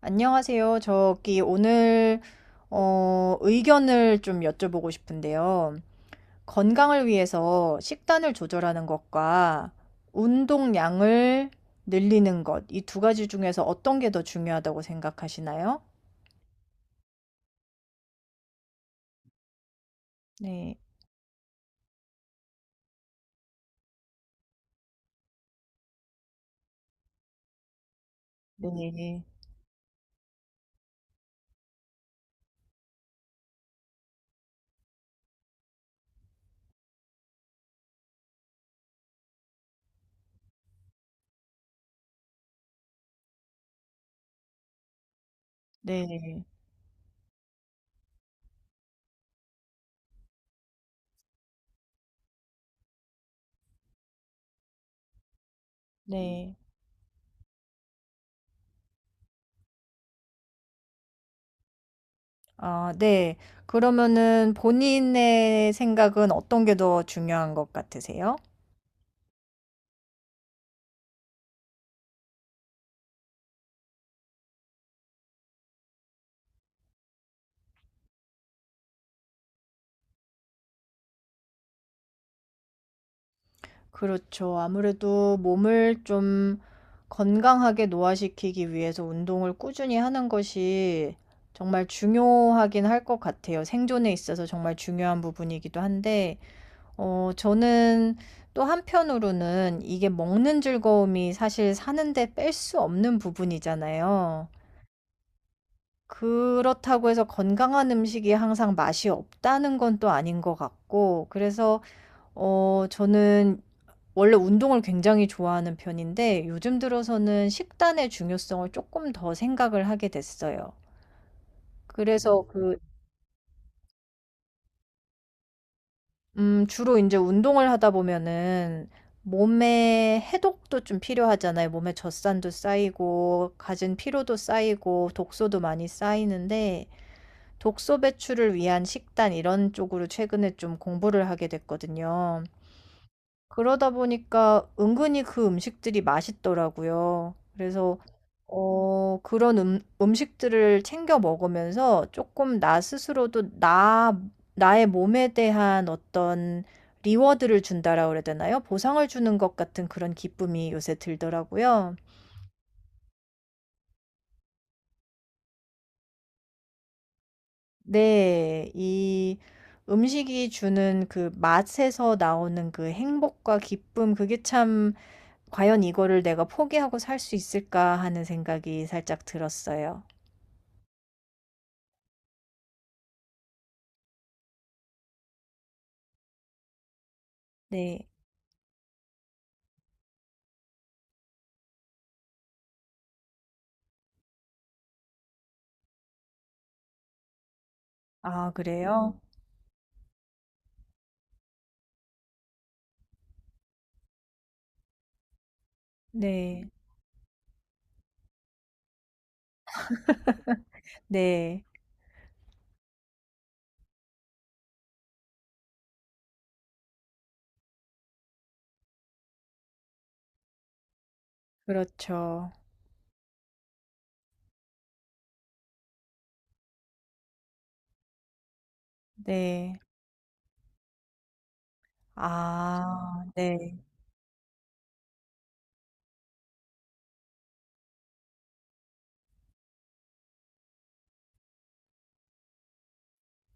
안녕하세요. 저기 오늘 의견을 좀 여쭤보고 싶은데요. 건강을 위해서 식단을 조절하는 것과 운동량을 늘리는 것, 이 두 가지 중에서 어떤 게 더 중요하다고 생각하시나요? 네, 네, 네, 네. 아, 네. 그러면은 본인의 생각은 어떤 게 더 중요한 것 같으세요? 그렇죠. 아무래도 몸을 좀 건강하게 노화시키기 위해서 운동을 꾸준히 하는 것이 정말 중요하긴 할 것 같아요. 생존에 있어서 정말 중요한 부분이기도 한데, 저는 또 한편으로는 이게 먹는 즐거움이 사실 사는데 뺄 수 없는 부분이잖아요. 그렇다고 해서 건강한 음식이 항상 맛이 없다는 건 또 아닌 것 같고, 그래서 저는 원래 운동을 굉장히 좋아하는 편인데 요즘 들어서는 식단의 중요성을 쪼끔 더 생각을 하게 됐어요. 그래서 그 주로 인제 운동을 하다 보면은 몸에 해독도 좀 필요하잖아요. 몸에 젖산도 쌓이고 가진 피로도 쌓이고 독소도 많이 쌓이는데 독소 배출을 위한 식단 이런 쪽으로 최근에 좀 공부를 하게 됐거든요. 그러다 보니까 은근히 그 음식들이 맛있더라고요. 그래서 그런 음식들을 챙겨 먹으면서 조금 나 스스로도 나의 몸에 대한 어떤 리워드를 준다라 그래야 되나요? 보상을 주는 것 같은 그런 기쁨이 요새 들더라고요. 네, 이 음식이 주는 그 맛에서 나오는 그 행복과 기쁨, 그게 참 과연 이거를 내가 포기하고 살 수 있을까 하는 생각이 살짝 들었어요. 네. 아, 그래요? 음. 네. 네. 그렇죠. 네. 아, 네.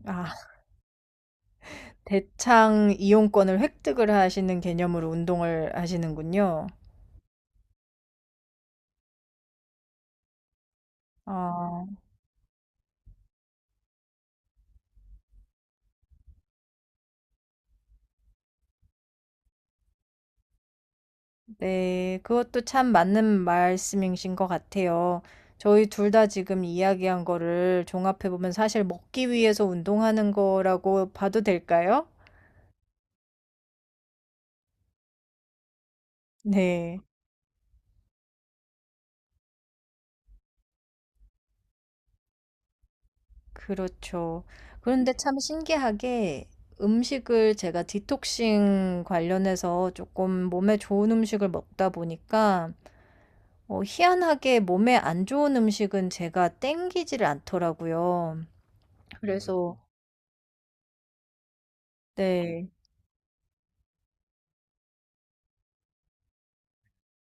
아, 대창 이용권을 획득을 하시는 개념으로 운동을 하시는군요. 어, 네. 그것도 참 맞는 말씀이신 것 같아요. 저희 둘 다 지금 이야기한 거를 종합해 보면 사실 먹기 위해서 운동하는 거라고 봐도 될까요? 네. 그렇죠. 그런데 참 신기하게 음식을 제가 디톡싱 관련해서 조금 몸에 좋은 음식을 먹다 보니까 희한하게 몸에 안 좋은 음식은 제가 땡기질 않더라고요. 그래서 네,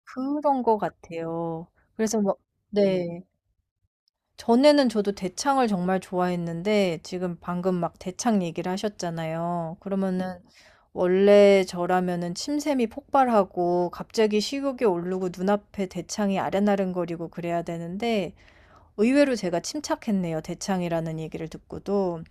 그런 것 같아요. 그래서 뭐, 네. 전에는 저도 대창을 정말 좋아했는데 지금 방금 막 대창 얘기를 하셨잖아요. 그러면은 원래 저라면은 침샘이 폭발하고 갑자기 식욕이 오르고 눈앞에 대창이 아른아른거리고 그래야 되는데 의외로 제가 침착했네요. 대창이라는 얘기를 듣고도.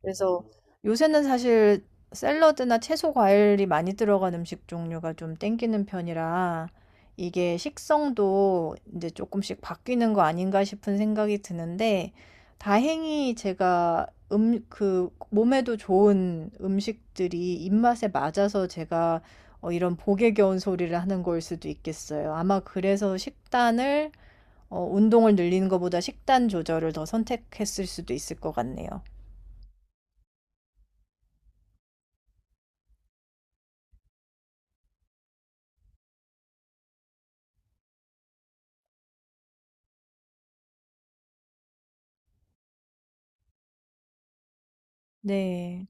그래서 요새는 사실 샐러드나 채소 과일이 많이 들어간 음식 종류가 좀 땡기는 편이라 이게 식성도 이제 조금씩 바뀌는 거 아닌가 싶은 생각이 드는데 다행히 제가 그 몸에도 좋은 음식들이 입맛에 맞아서 제가 이런 복에 겨운 소리를 하는 걸 수도 있겠어요. 아마 그래서 운동을 늘리는 것보다 식단 조절을 더 선택했을 수도 있을 것 같네요. 네.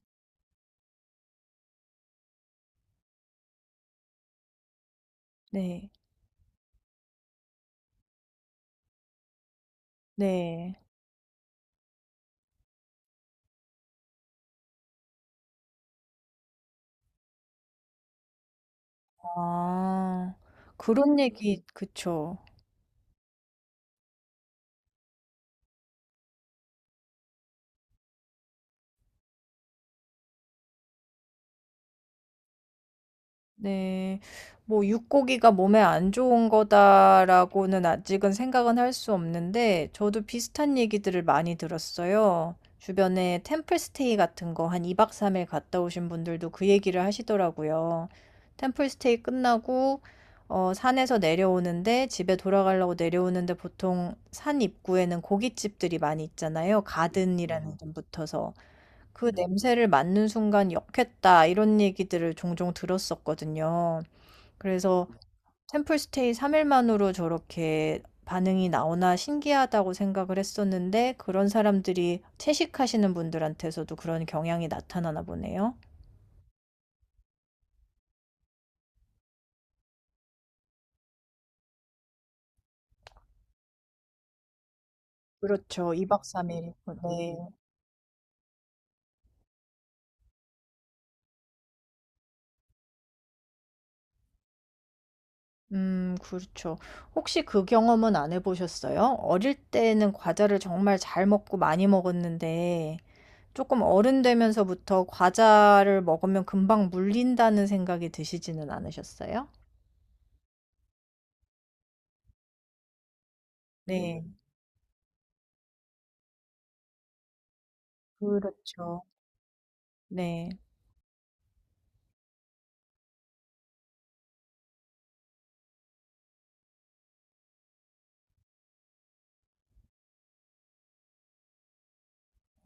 네. 네. 아. 그런 얘기 그쵸. 네. 뭐 '육고기가 몸에 안 좋은 거다.'라고는 아직은 생각은 할 수 없는데 저도 비슷한 얘기들을 많이 들었어요. 주변에 템플 스테이 같은 거 한 2박 3일 갔다 오신 분들도 그 얘기를 하시더라고요. 템플 스테이 끝나고 산에서 내려오는데 집에 돌아가려고 내려오는데 보통 산 입구에는 고깃집들이 많이 있잖아요. 가든이라는 이름 붙어서. 그 냄새를 맡는 순간 역했다 이런 얘기들을 종종 들었었거든요. 그래서 템플 스테이 3일 만으로 저렇게 반응이 나오나 신기하다고 생각을 했었는데 그런 사람들이 채식하시는 분들한테서도 그런 경향이 나타나나 보네요. 그렇죠. 2박 3일 일. 네. 그렇죠. 혹시 그 경험은 안 해 보셨어요? 어릴 때는 과자를 정말 잘 먹고 많이 먹었는데 조금 어른 되면서부터 과자를 먹으면 금방 물린다는 생각이 드시지는 않으셨어요? 네. 그렇죠. 네.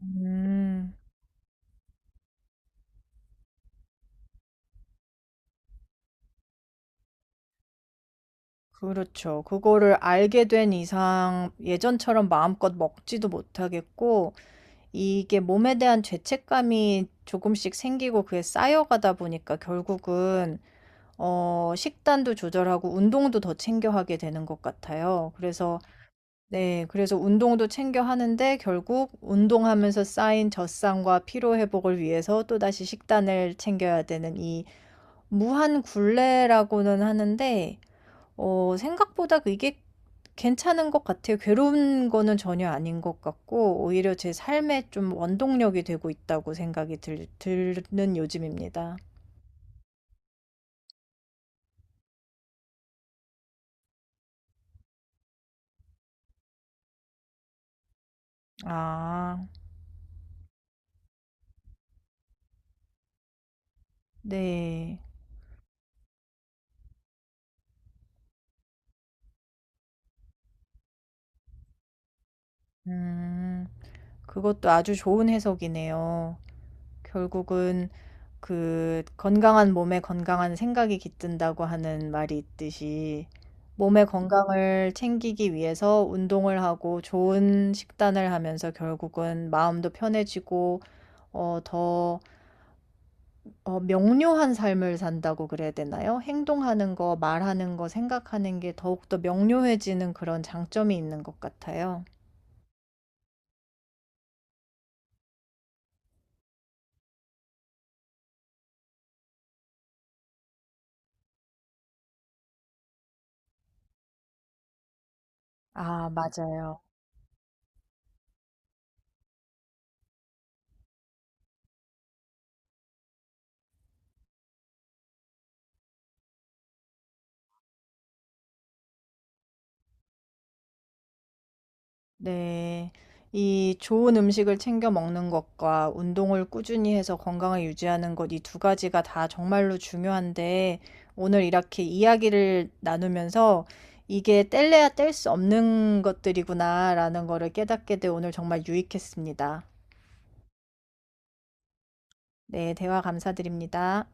음. 그렇죠. 그거를 알게 된 이상 예전처럼 마음껏 먹지도 못하겠고 이게 몸에 대한 죄책감이 조금씩 생기고 그게 쌓여가다 보니까 결국은 식단도 조절하고 운동도 더 챙겨 하게 되는 것 같아요. 그래서 네. 그래서 운동도 챙겨 하는데 결국 운동하면서 쌓인 젖산과 피로 회복을 위해서 또다시 식단을 챙겨야 되는 이 무한 굴레라고는 하는데 생각보다 이게 괜찮은 것 같아요. 괴로운 거는 전혀 아닌 것 같고 오히려 제 삶에 좀 원동력이 되고 있다고 생각이 들 드는 요즘입니다. 아. 네. 음. 그것도 아주 좋은 해석이네요. 결국은 그 건강한 몸에 건강한 생각이 깃든다고 하는 말이 있듯이 몸의 건강을 챙기기 위해서 운동을 하고 좋은 식단을 하면서 결국은 마음도 편해지고 어 더 어 명료한 삶을 산다고 그래야 되나요? 행동하는 거, 말하는 거, 생각하는 게 더욱더 명료해지는 그런 장점이 있는 것 같아요. 아, 맞아요. 네. 이 좋은 음식을 챙겨 먹는 것과 운동을 꾸준히 해서 건강을 유지하는 것, 이 두 가지가 다 정말로 중요한데, 오늘 이렇게 이야기를 나누면서 이게 뗄래야 뗄 수 없는 것들이구나라는 거를 깨닫게 돼 오늘 정말 유익했습니다. 네, 대화 감사드립니다.